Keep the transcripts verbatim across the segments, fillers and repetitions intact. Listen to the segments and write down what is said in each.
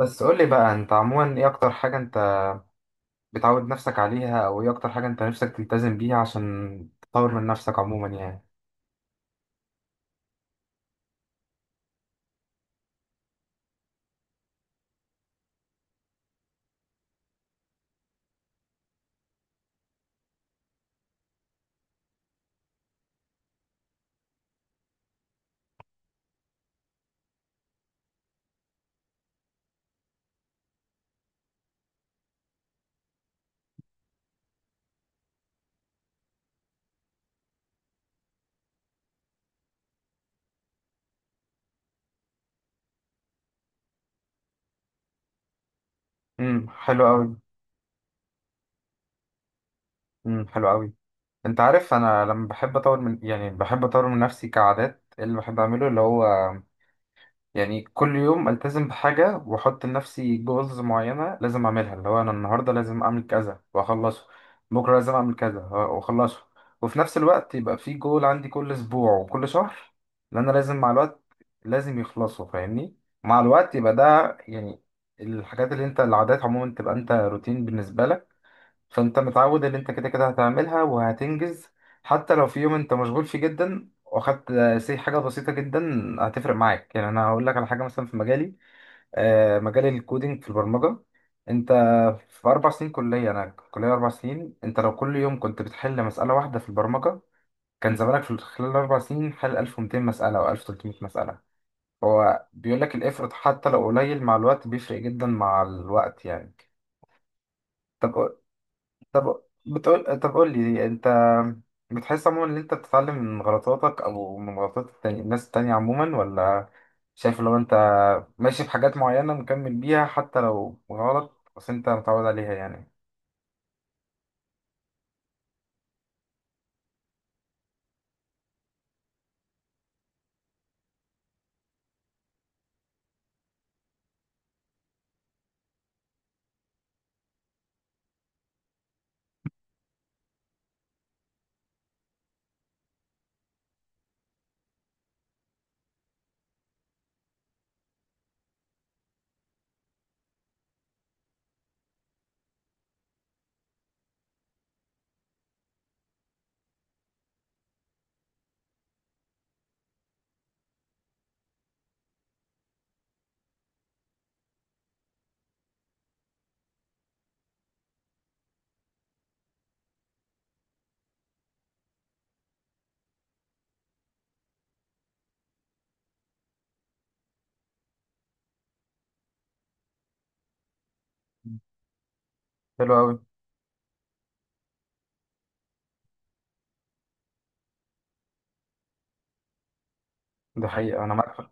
بس قول لي بقى، انت عموما ايه اكتر حاجة انت بتعود نفسك عليها، او ايه اكتر حاجة انت نفسك تلتزم بيها عشان تطور من نفسك عموما يعني؟ امم حلو قوي. امم حلو قوي. انت عارف انا لما بحب اطور من، يعني بحب اطور من نفسي كعادات، إيه اللي بحب اعمله؟ اللي هو يعني كل يوم التزم بحاجه واحط لنفسي جولز معينه لازم اعملها، اللي هو انا النهارده لازم اعمل كذا واخلصه، بكره لازم اعمل كذا واخلصه، وفي نفس الوقت يبقى في جول عندي كل اسبوع وكل شهر، اللي انا لازم مع الوقت لازم يخلصوا، فاهمني؟ مع الوقت يبقى ده يعني الحاجات اللي انت العادات عموما تبقى انت روتين بالنسبه لك، فانت متعود ان انت كده كده هتعملها وهتنجز. حتى لو في يوم انت مشغول فيه جدا واخدت سي حاجه بسيطه جدا، هتفرق معاك. يعني انا هقول لك على حاجه مثلا في مجالي، آه، مجال الكودينج في البرمجه، انت في اربع سنين كليه، انا كليه اربع سنين، انت لو كل يوم كنت بتحل مساله واحده في البرمجه، كان زمانك في خلال الاربع سنين حل ألف ومئتين مساله او ألف وثلاثمية مساله. هو بيقول لك الافرط حتى لو قليل مع الوقت بيفرق جدا مع الوقت يعني. طب طب بتقول طب قول لي انت، بتحس عموما ان انت بتتعلم من غلطاتك او من غلطات التاني... الناس التانية عموما، ولا شايف لو انت ماشي بحاجات معينة مكمل بيها حتى لو غلط بس انت متعود عليها يعني؟ حلو قوي. ده حقيقة انا معاك في...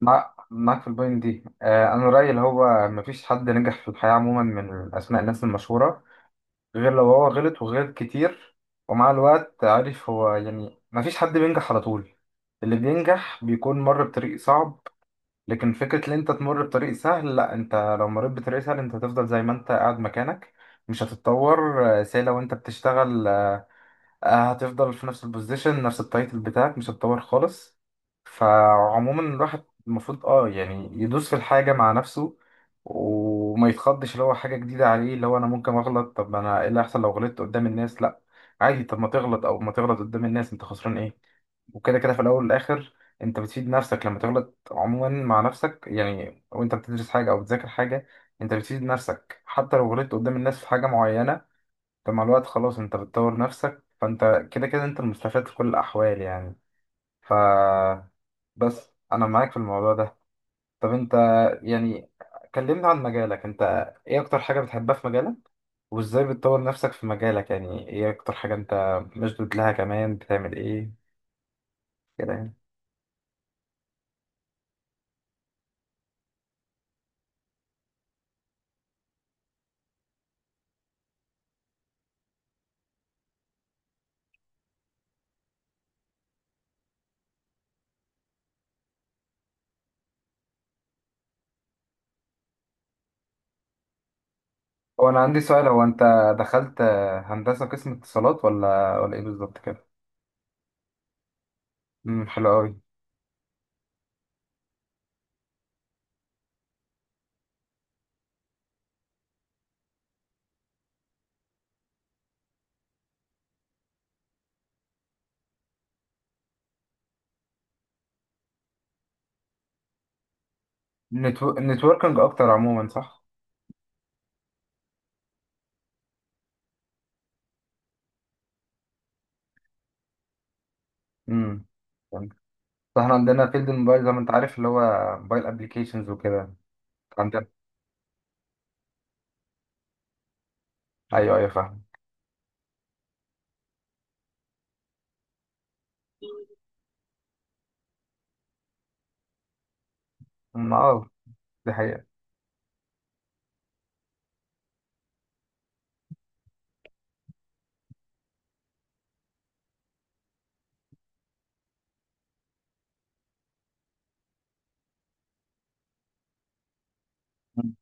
مع... معاك في البوينت دي. آه، انا رأيي اللي هو مفيش حد نجح في الحياة عموما من اسماء الناس المشهورة غير لو هو غلط وغلط كتير. ومع الوقت عارف، هو يعني مفيش حد بينجح على طول، اللي بينجح بيكون مر بطريق صعب. لكن فكرة ان انت تمر بطريق سهل، لا، انت لو مريت بطريق سهل انت هتفضل زي ما انت قاعد مكانك، مش هتتطور. آه، سي لو انت بتشتغل آه، آه، هتفضل في نفس البوزيشن، نفس التايتل بتاعك، مش هتطور خالص. فعموما الواحد المفروض اه يعني يدوس في الحاجة مع نفسه، وما يتخضش اللي هو حاجة جديدة عليه، اللي هو انا ممكن اغلط. طب انا ايه اللي هيحصل لو غلطت قدام الناس؟ لا عادي. طب ما تغلط او ما تغلط قدام الناس، انت خسران ايه؟ وكده كده في الاول والاخر انت بتفيد نفسك لما تغلط عموما مع نفسك، يعني وانت بتدرس حاجة او بتذاكر حاجة انت بتفيد نفسك. حتى لو غلطت قدام الناس في حاجة معينة، انت مع الوقت خلاص انت بتطور نفسك، فانت كده كده انت المستفاد في كل الاحوال يعني. ف بس انا معاك في الموضوع ده. طب انت يعني، كلمنا عن مجالك انت، ايه اكتر حاجة بتحبها في مجالك؟ وازاي بتطور نفسك في مجالك؟ يعني ايه اكتر حاجة انت مشدود لها؟ كمان بتعمل ايه كده يعني؟ هو انا عندي سؤال، هو انت دخلت هندسة قسم اتصالات ولا ولا ايه بالظبط كده؟ امم حلو قوي. نتو... نتوركنج اكتر عموما، صح؟ امم فاحنا عندنا فيلد الموبايل زي ما انت عارف، اللي هو موبايل ابلكيشنز وكده عندنا. ايوه، ايوه، فاهم. أمم، اه، دي حقيقة. مم.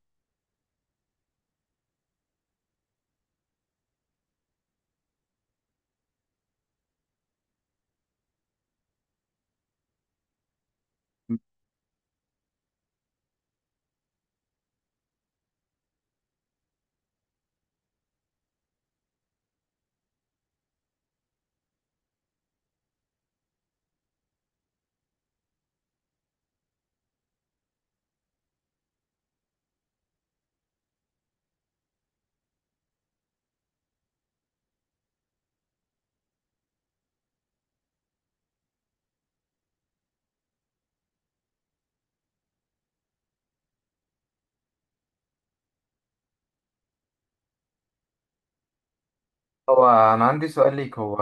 هو انا عندي سؤال ليك، هو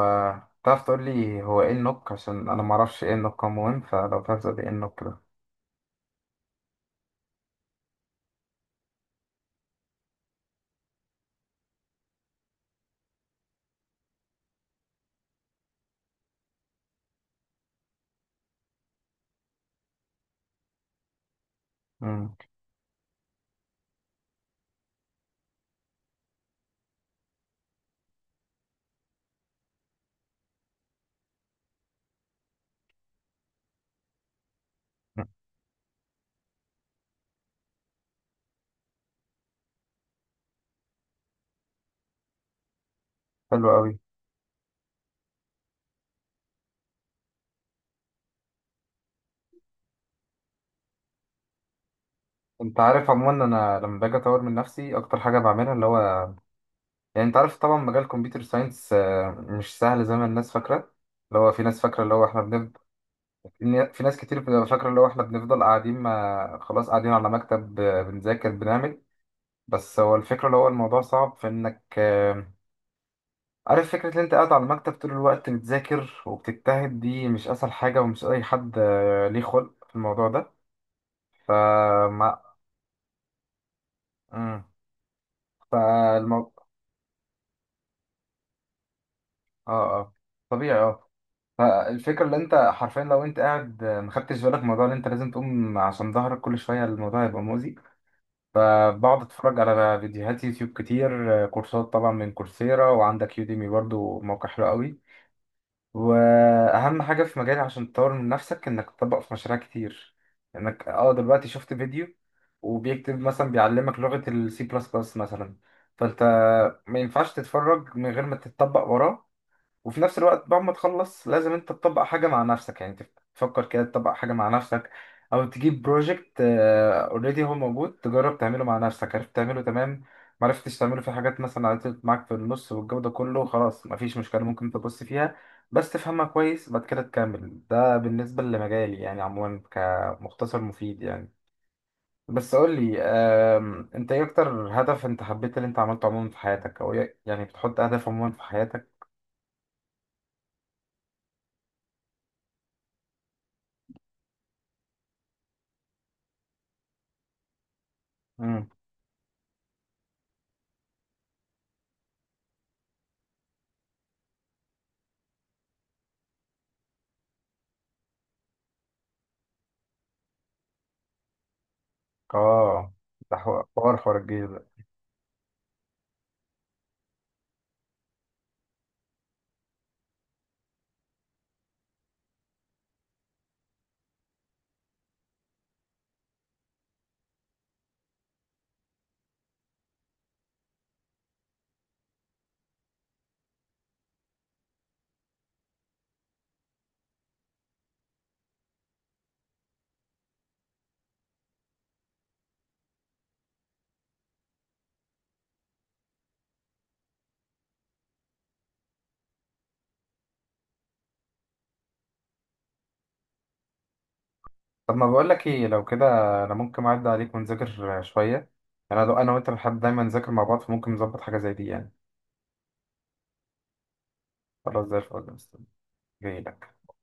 تعرف تقول لي هو ايه النوك؟ عشان انا ما اعرفش ايه النوك عموما، فلو تعرف تقول لي ايه النوك ده. أمم، حلو قوي. انت عارف عموما انا لما باجي اطور من نفسي اكتر حاجه بعملها اللي هو، يعني انت عارف طبعا مجال كمبيوتر ساينس مش سهل زي ما الناس فاكره. اللي هو في ناس فاكره اللي هو احنا، إن في ناس كتير بتبقى فاكرة اللي هو إحنا بنفضل قاعدين ما خلاص قاعدين على مكتب آه، بنذاكر بنعمل. بس هو الفكرة اللي هو الموضوع صعب في إنك، آه، عارف فكرة إن أنت قاعد على المكتب طول الوقت بتذاكر وبتجتهد، دي مش أسهل حاجة، ومش أي حد آه، ليه خلق في الموضوع ده. فما مم. فالمو... آه، آه، طبيعي آه فالفكرة اللي أنت حرفيا لو أنت قاعد آه، ما خدتش بالك من الموضوع، اللي أنت لازم تقوم عشان ظهرك كل شوية، الموضوع هيبقى مؤذي. فبقعد اتفرج على فيديوهات يوتيوب كتير، آه، كورسات طبعا من كورسيرا، وعندك يوديمي برضو موقع حلو قوي. واهم حاجه في مجالي عشان تطور من نفسك انك تطبق في مشاريع كتير، انك اه دلوقتي شفت فيديو وبيكتب مثلا بيعلمك لغه السي بلس بلس مثلا، فانت ما ينفعش تتفرج من غير ما تتطبق وراه. وفي نفس الوقت بعد ما تخلص لازم انت تطبق حاجة مع نفسك، يعني تف- تفكر كده تطبق حاجة مع نفسك، او تجيب بروجكت اوريدي هو موجود تجرب تعمله مع نفسك. عرفت تعمله، تمام. معرفتش تعمله، في حاجات مثلا عطلت معاك في النص والجو ده كله، خلاص مفيش مشكلة، ممكن تبص فيها بس تفهمها كويس بعد كده تكمل. ده بالنسبة لمجالي يعني، عموما كمختصر مفيد يعني. بس قول لي، آم، انت ايه اكتر هدف انت حبيت اللي انت عملته عموما في حياتك، او ايه- يعني بتحط هدف عموما في حياتك؟ اه. ده حو- حوار حوار الجيش ده. طب ما بقول لك ايه لو كده، انا ممكن اعدي عليك ونذاكر شويه، يعني انا انا وانت بنحب دايما نذاكر مع بعض، فممكن نظبط حاجه زي دي يعني. خلاص زي الفل. جاي لك.